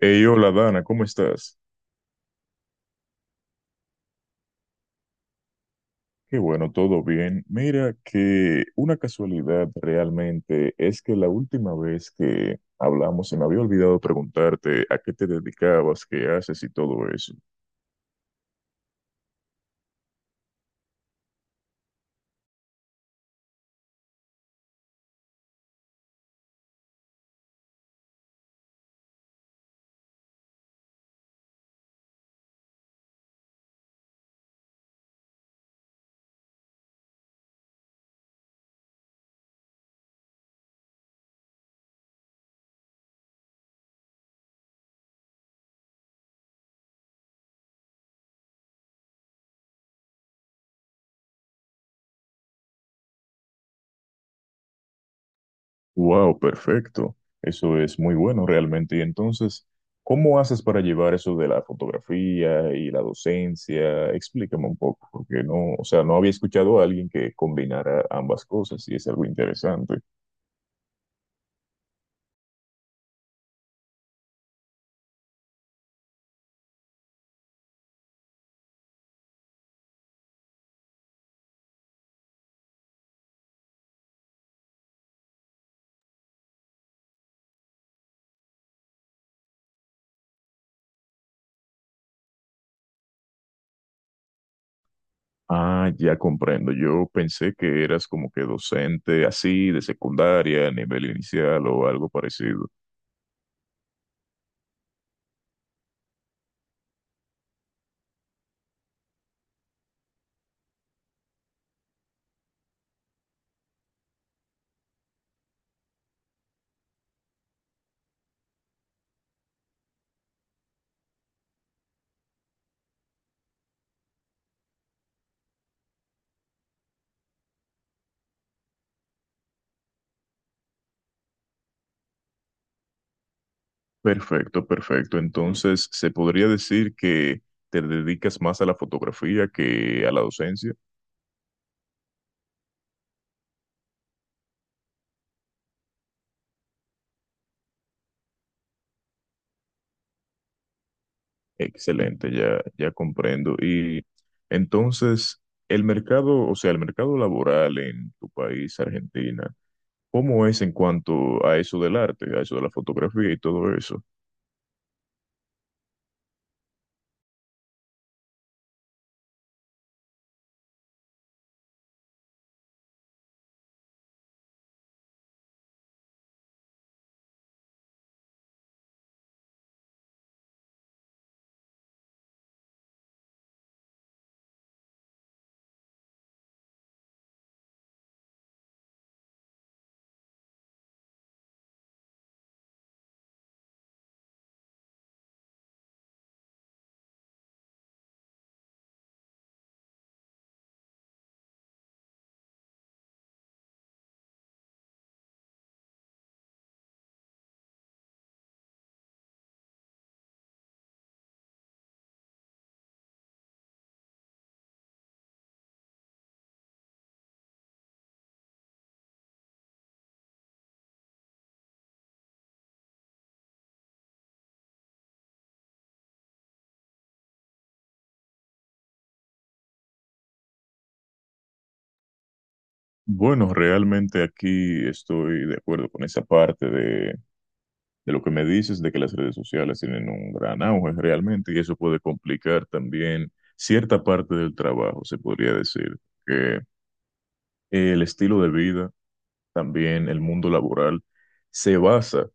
Hey, hola Dana, ¿cómo estás? Qué bueno, todo bien. Mira que una casualidad realmente es que la última vez que hablamos se me había olvidado preguntarte a qué te dedicabas, qué haces y todo eso. Wow, perfecto. Eso es muy bueno realmente. Y entonces, ¿cómo haces para llevar eso de la fotografía y la docencia? Explícame un poco, porque no, o sea, no había escuchado a alguien que combinara ambas cosas y es algo interesante. Ah, ya comprendo. Yo pensé que eras como que docente así de secundaria, nivel inicial o algo parecido. Perfecto, perfecto. Entonces, ¿se podría decir que te dedicas más a la fotografía que a la docencia? Excelente, ya, ya comprendo. Y entonces, el mercado, o sea, el mercado laboral en tu país, Argentina, ¿cómo es en cuanto a eso del arte, a eso de la fotografía y todo eso? Bueno, realmente aquí estoy de acuerdo con esa parte de lo que me dices, de que las redes sociales tienen un gran auge realmente y eso puede complicar también cierta parte del trabajo, se podría decir, que el estilo de vida, también el mundo laboral, se basa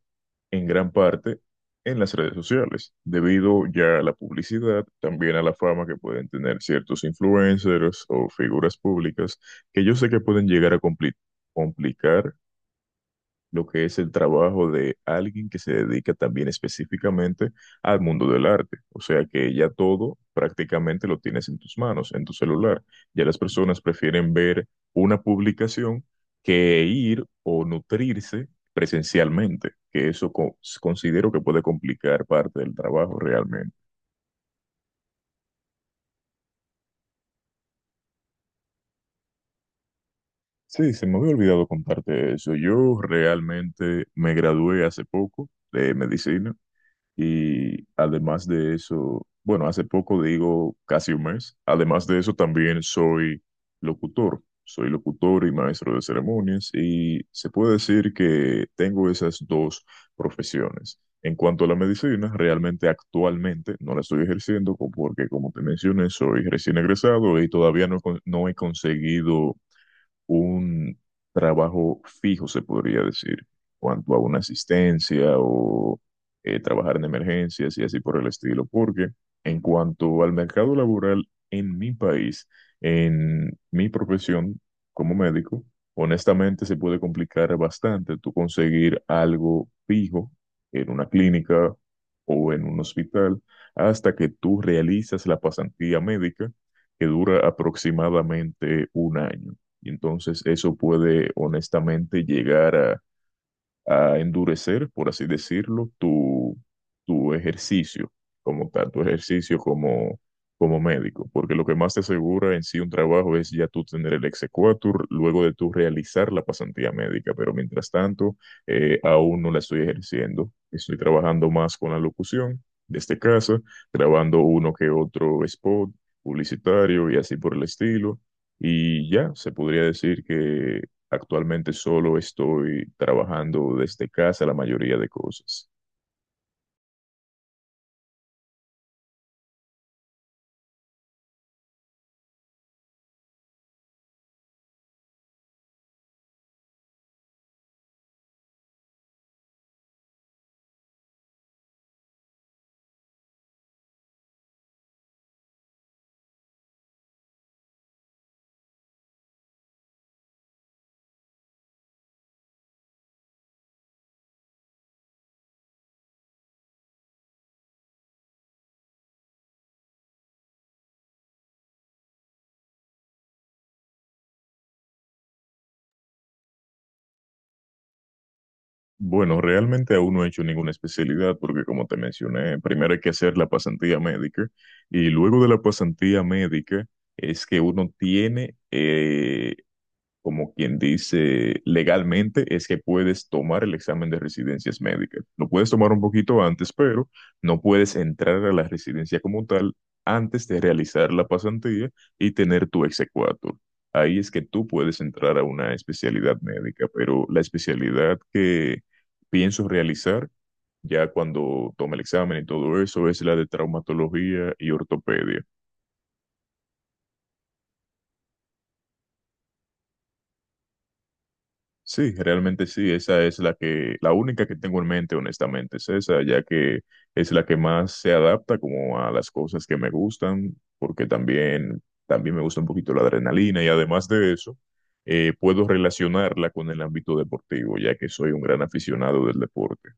en gran parte en las redes sociales, debido ya a la publicidad, también a la fama que pueden tener ciertos influencers o figuras públicas, que yo sé que pueden llegar a complicar lo que es el trabajo de alguien que se dedica también específicamente al mundo del arte. O sea que ya todo prácticamente lo tienes en tus manos, en tu celular. Ya las personas prefieren ver una publicación que ir o nutrirse presencialmente, que eso considero que puede complicar parte del trabajo realmente. Sí, se me había olvidado contarte eso. Yo realmente me gradué hace poco de medicina. Y además de eso, bueno, hace poco digo casi un mes, además de eso también soy locutor y maestro de ceremonias y se puede decir que tengo esas dos profesiones. En cuanto a la medicina, realmente actualmente no la estoy ejerciendo porque como te mencioné, soy recién egresado y todavía no, no he conseguido un trabajo fijo, se podría decir, cuanto a una asistencia o trabajar en emergencias y así por el estilo, porque en cuanto al mercado laboral en mi país, en mi profesión como médico, honestamente se puede complicar bastante tú conseguir algo fijo en una clínica o en un hospital hasta que tú realizas la pasantía médica que dura aproximadamente un año. Y entonces eso puede honestamente llegar a endurecer, por así decirlo, tu ejercicio como tal, tu ejercicio como médico, porque lo que más te asegura en sí un trabajo es ya tú tener el exequatur, luego de tú realizar la pasantía médica, pero mientras tanto, aún no la estoy ejerciendo, estoy trabajando más con la locución, desde casa, grabando uno que otro spot publicitario y así por el estilo. Y ya, se podría decir que actualmente solo estoy trabajando desde casa la mayoría de cosas. Bueno, realmente aún no he hecho ninguna especialidad porque como te mencioné, primero hay que hacer la pasantía médica y luego de la pasantía médica es que uno tiene como quien dice legalmente, es que puedes tomar el examen de residencias médicas. Lo puedes tomar un poquito antes, pero no puedes entrar a la residencia como tal antes de realizar la pasantía y tener tu exequatur. Ahí es que tú puedes entrar a una especialidad médica, pero la especialidad que pienso realizar ya cuando tome el examen y todo eso es la de traumatología y ortopedia. Sí, realmente sí, esa es la que, la única que tengo en mente, honestamente, es esa, ya que es la que más se adapta como a las cosas que me gustan, porque también, también me gusta un poquito la adrenalina y además de eso, puedo relacionarla con el ámbito deportivo, ya que soy un gran aficionado del deporte.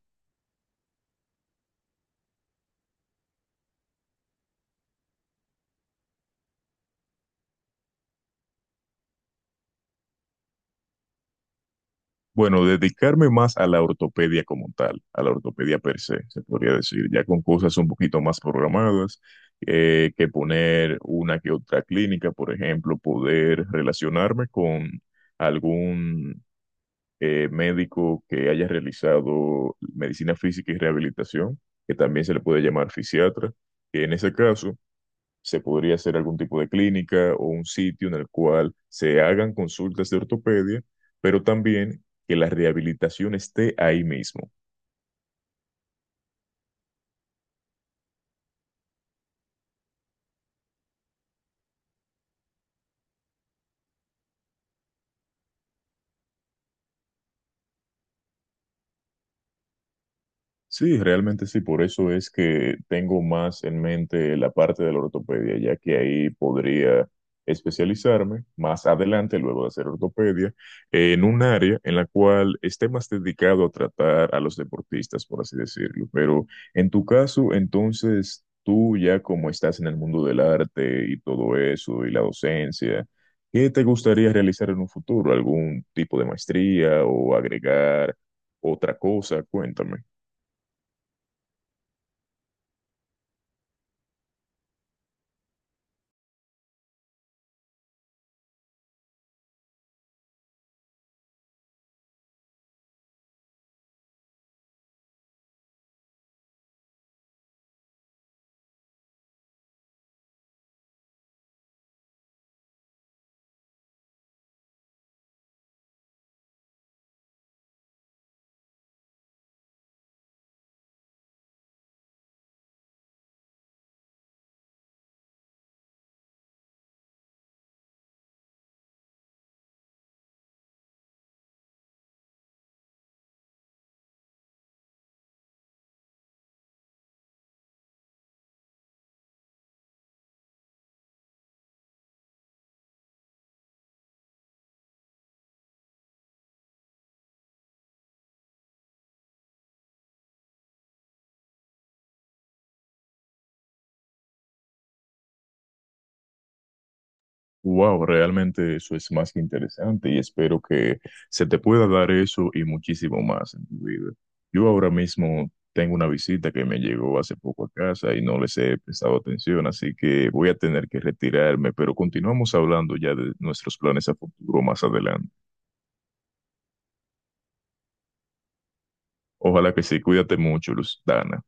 Bueno, dedicarme más a la ortopedia como tal, a la ortopedia per se, se podría decir, ya con cosas un poquito más programadas, que poner una que otra clínica, por ejemplo, poder relacionarme con algún médico que haya realizado medicina física y rehabilitación, que también se le puede llamar fisiatra, que en ese caso se podría hacer algún tipo de clínica o un sitio en el cual se hagan consultas de ortopedia, pero también que la rehabilitación esté ahí mismo. Sí, realmente sí, por eso es que tengo más en mente la parte de la ortopedia, ya que ahí podría especializarme más adelante, luego de hacer ortopedia, en un área en la cual esté más dedicado a tratar a los deportistas, por así decirlo. Pero en tu caso, entonces, tú ya como estás en el mundo del arte y todo eso, y la docencia, ¿qué te gustaría realizar en un futuro? ¿Algún tipo de maestría o agregar otra cosa? Cuéntame. Wow, realmente eso es más que interesante y espero que se te pueda dar eso y muchísimo más en tu vida. Yo ahora mismo tengo una visita que me llegó hace poco a casa y no les he prestado atención, así que voy a tener que retirarme, pero continuamos hablando ya de nuestros planes a futuro más adelante. Ojalá que sí, cuídate mucho, Luz Dana.